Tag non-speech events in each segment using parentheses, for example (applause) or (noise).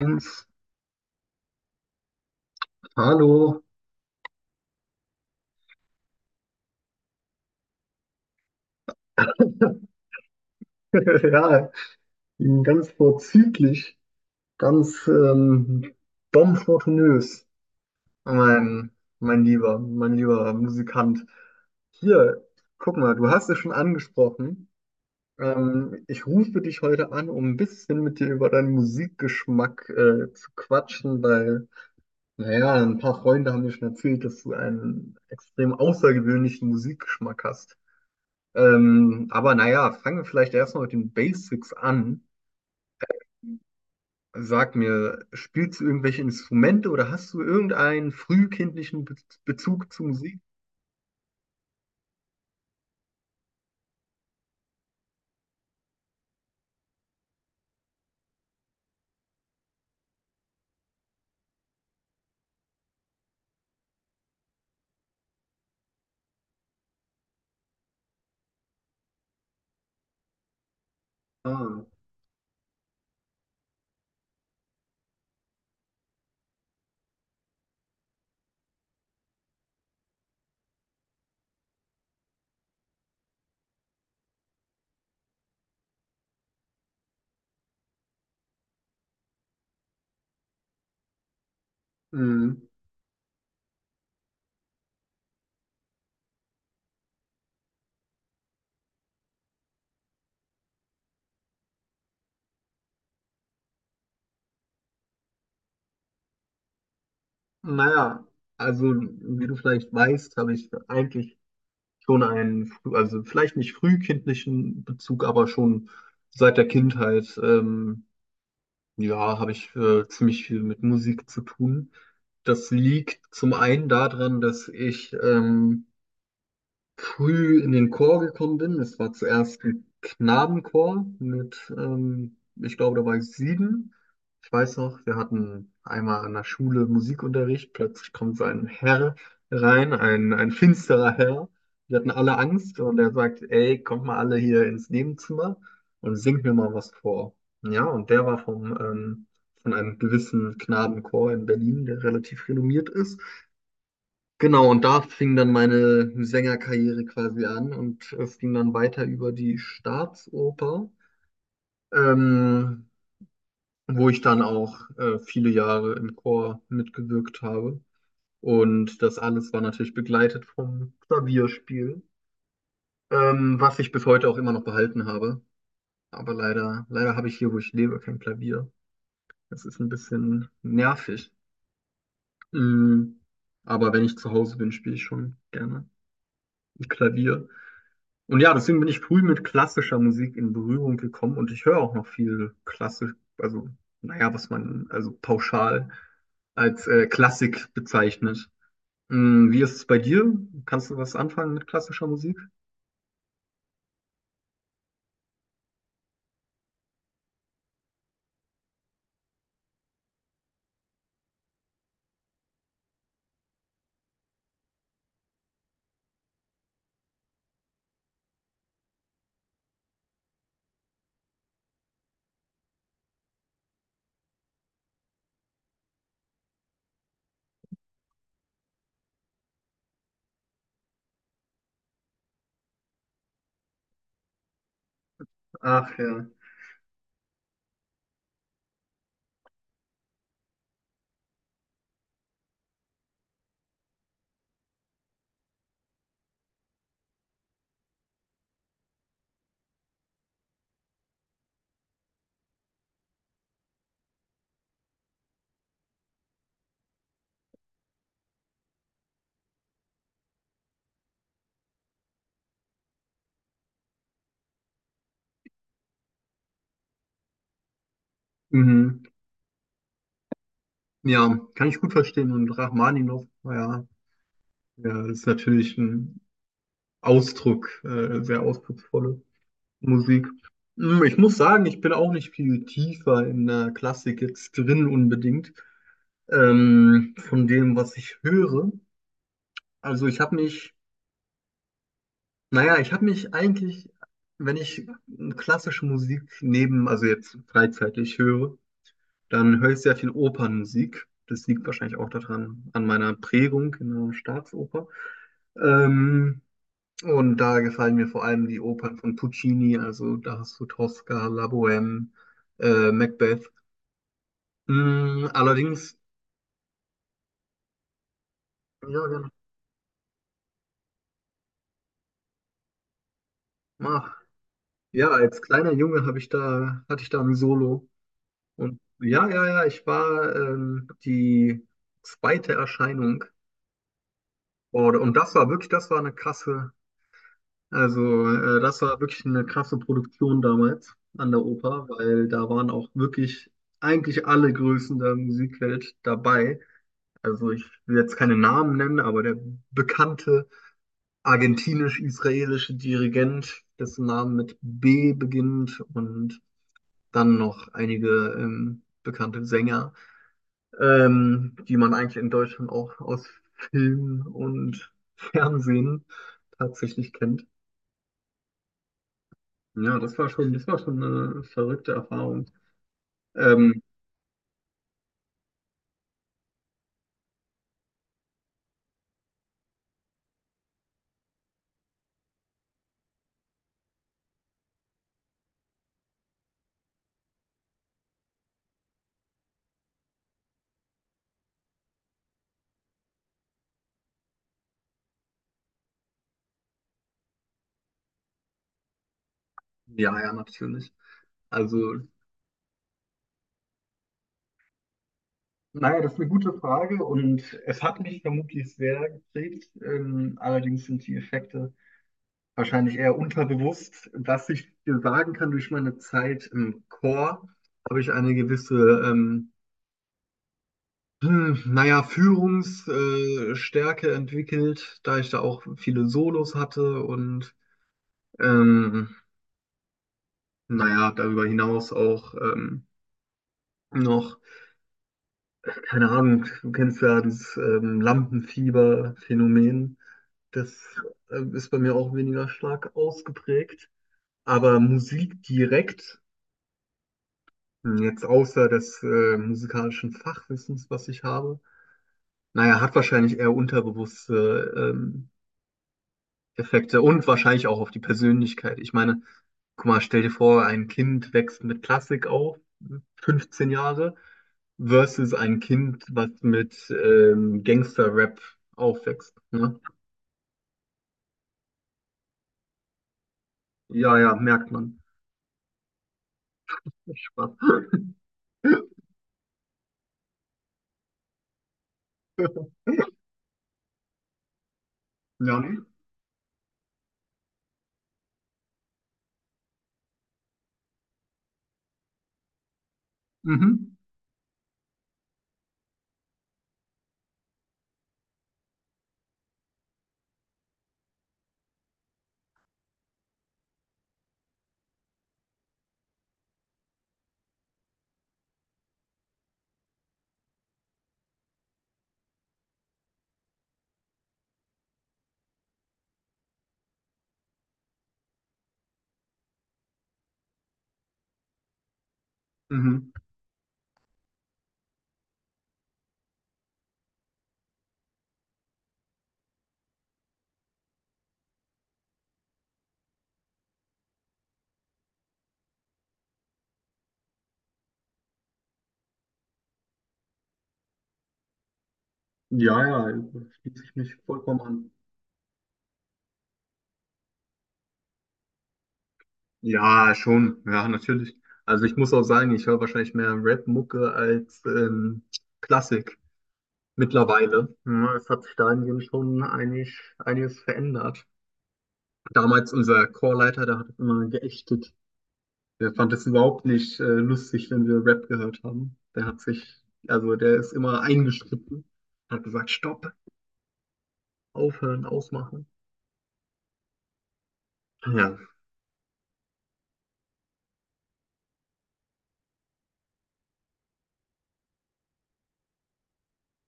Jens, hallo. (laughs) Ja, ganz vorzüglich, ganz bonfortunös, mein, mein lieber, mein lieber Musikant. Hier, guck mal, du hast es schon angesprochen. Ich rufe dich heute an, um ein bisschen mit dir über deinen Musikgeschmack zu quatschen, weil, naja, ein paar Freunde haben mir schon erzählt, dass du einen extrem außergewöhnlichen Musikgeschmack hast. Aber naja, fangen wir vielleicht erstmal mit den Basics an. Sag mir, spielst du irgendwelche Instrumente oder hast du irgendeinen frühkindlichen Be Bezug zu Musik? Ah, hm, naja, also wie du vielleicht weißt, habe ich eigentlich schon also vielleicht nicht frühkindlichen Bezug, aber schon seit der Kindheit, ja, habe ich ziemlich viel mit Musik zu tun. Das liegt zum einen daran, dass ich früh in den Chor gekommen bin. Es war zuerst ein Knabenchor mit, ich glaube, da war ich 7. Ich weiß noch, wir hatten einmal an der Schule Musikunterricht. Plötzlich kommt so ein Herr rein, ein finsterer Herr. Wir hatten alle Angst und er sagt, ey, kommt mal alle hier ins Nebenzimmer und singt mir mal was vor. Ja, und der war vom, von einem gewissen Knabenchor in Berlin, der relativ renommiert ist. Genau, und da fing dann meine Sängerkarriere quasi an und es ging dann weiter über die Staatsoper, ähm, wo ich dann auch viele Jahre im Chor mitgewirkt habe. Und das alles war natürlich begleitet vom Klavierspiel, was ich bis heute auch immer noch behalten habe. Aber leider, leider habe ich hier, wo ich lebe, kein Klavier. Das ist ein bisschen nervig. Mm. Aber wenn ich zu Hause bin, spiele ich schon gerne Klavier. Und ja, deswegen bin ich früh mit klassischer Musik in Berührung gekommen und ich höre auch noch viel klassisch, also naja, was man also pauschal als Klassik bezeichnet. Mm, wie ist es bei dir? Kannst du was anfangen mit klassischer Musik? Ach ja. Mhm. Ja, kann ich gut verstehen. Und Rachmaninow, naja, ja, ist natürlich ein Ausdruck, sehr ausdrucksvolle Musik. Mm, ich muss sagen, ich bin auch nicht viel tiefer in der Klassik jetzt drin unbedingt. Von dem, was ich höre. Also ich habe mich, naja, ich habe mich eigentlich, wenn ich klassische Musik neben, also jetzt freizeitig höre, dann höre ich sehr viel Opernmusik. Das liegt wahrscheinlich auch daran, an meiner Prägung in der Staatsoper. Ähm, und da gefallen mir vor allem die Opern von Puccini, also da hast du Tosca, La Bohème, Macbeth. Mm, allerdings, ja, ja, ah, ja, als kleiner Junge hatte ich da ein Solo. Und ja, ja, ja, ich war die zweite Erscheinung. Und das war wirklich, das war eine krasse, also das war wirklich eine krasse Produktion damals an der Oper, weil da waren auch wirklich eigentlich alle Größen der Musikwelt dabei. Also ich will jetzt keine Namen nennen, aber der bekannte argentinisch-israelische Dirigent, dessen Name mit B beginnt und dann noch einige bekannte Sänger. Die man eigentlich in Deutschland auch aus Film und Fernsehen tatsächlich kennt. Ja, das war schon eine verrückte Erfahrung. Ähm, ja, ja, natürlich. Also, naja, das ist eine gute Frage und es hat mich vermutlich sehr geprägt. Allerdings sind die Effekte wahrscheinlich eher unterbewusst. Was ich dir sagen kann, durch meine Zeit im Chor habe ich eine gewisse ähm, hm, naja, Führungsstärke Stärke entwickelt, da ich da auch viele Solos hatte und ähm, naja, darüber hinaus auch noch, keine Ahnung, du kennst ja das Lampenfieber-Phänomen. Das ist bei mir auch weniger stark ausgeprägt. Aber Musik direkt, hm, jetzt außer des musikalischen Fachwissens, was ich habe, naja, hat wahrscheinlich eher unterbewusste Effekte und wahrscheinlich auch auf die Persönlichkeit. Ich meine, guck mal, stell dir vor, ein Kind wächst mit Klassik auf, 15 Jahre, versus ein Kind, was mit Gangster-Rap aufwächst. Ne? Ja, ja, merkt man. Spaß. (laughs) Ja, ne? Mhm. Mhm. Ja, ja, schließe ich mich vollkommen an. Ja, schon. Ja, natürlich. Also ich muss auch sagen, ich höre wahrscheinlich mehr Rap-Mucke als Klassik. Mittlerweile. Ja, es hat sich dahingehend schon einig, einiges verändert. Damals unser Chorleiter, der hat es immer geächtet. Der fand es überhaupt nicht lustig, wenn wir Rap gehört haben. Der hat sich, also der ist immer eingeschritten, hat gesagt, Stopp, aufhören, ausmachen. Ja.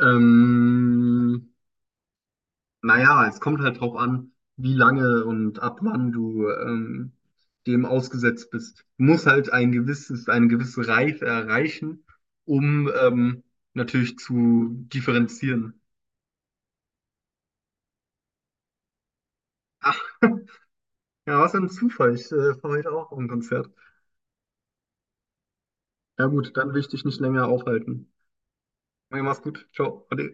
Ähm, Naja, es kommt halt drauf an, wie lange und ab wann du dem ausgesetzt bist. Du musst halt ein gewisses, eine gewisse Reife erreichen, um natürlich zu differenzieren. Ach, (laughs) ja, was ein Zufall. Ich fahr heute auch auf ein Konzert. Ja gut, dann will ich dich nicht länger aufhalten. Okay, mach's gut. Ciao. Ade.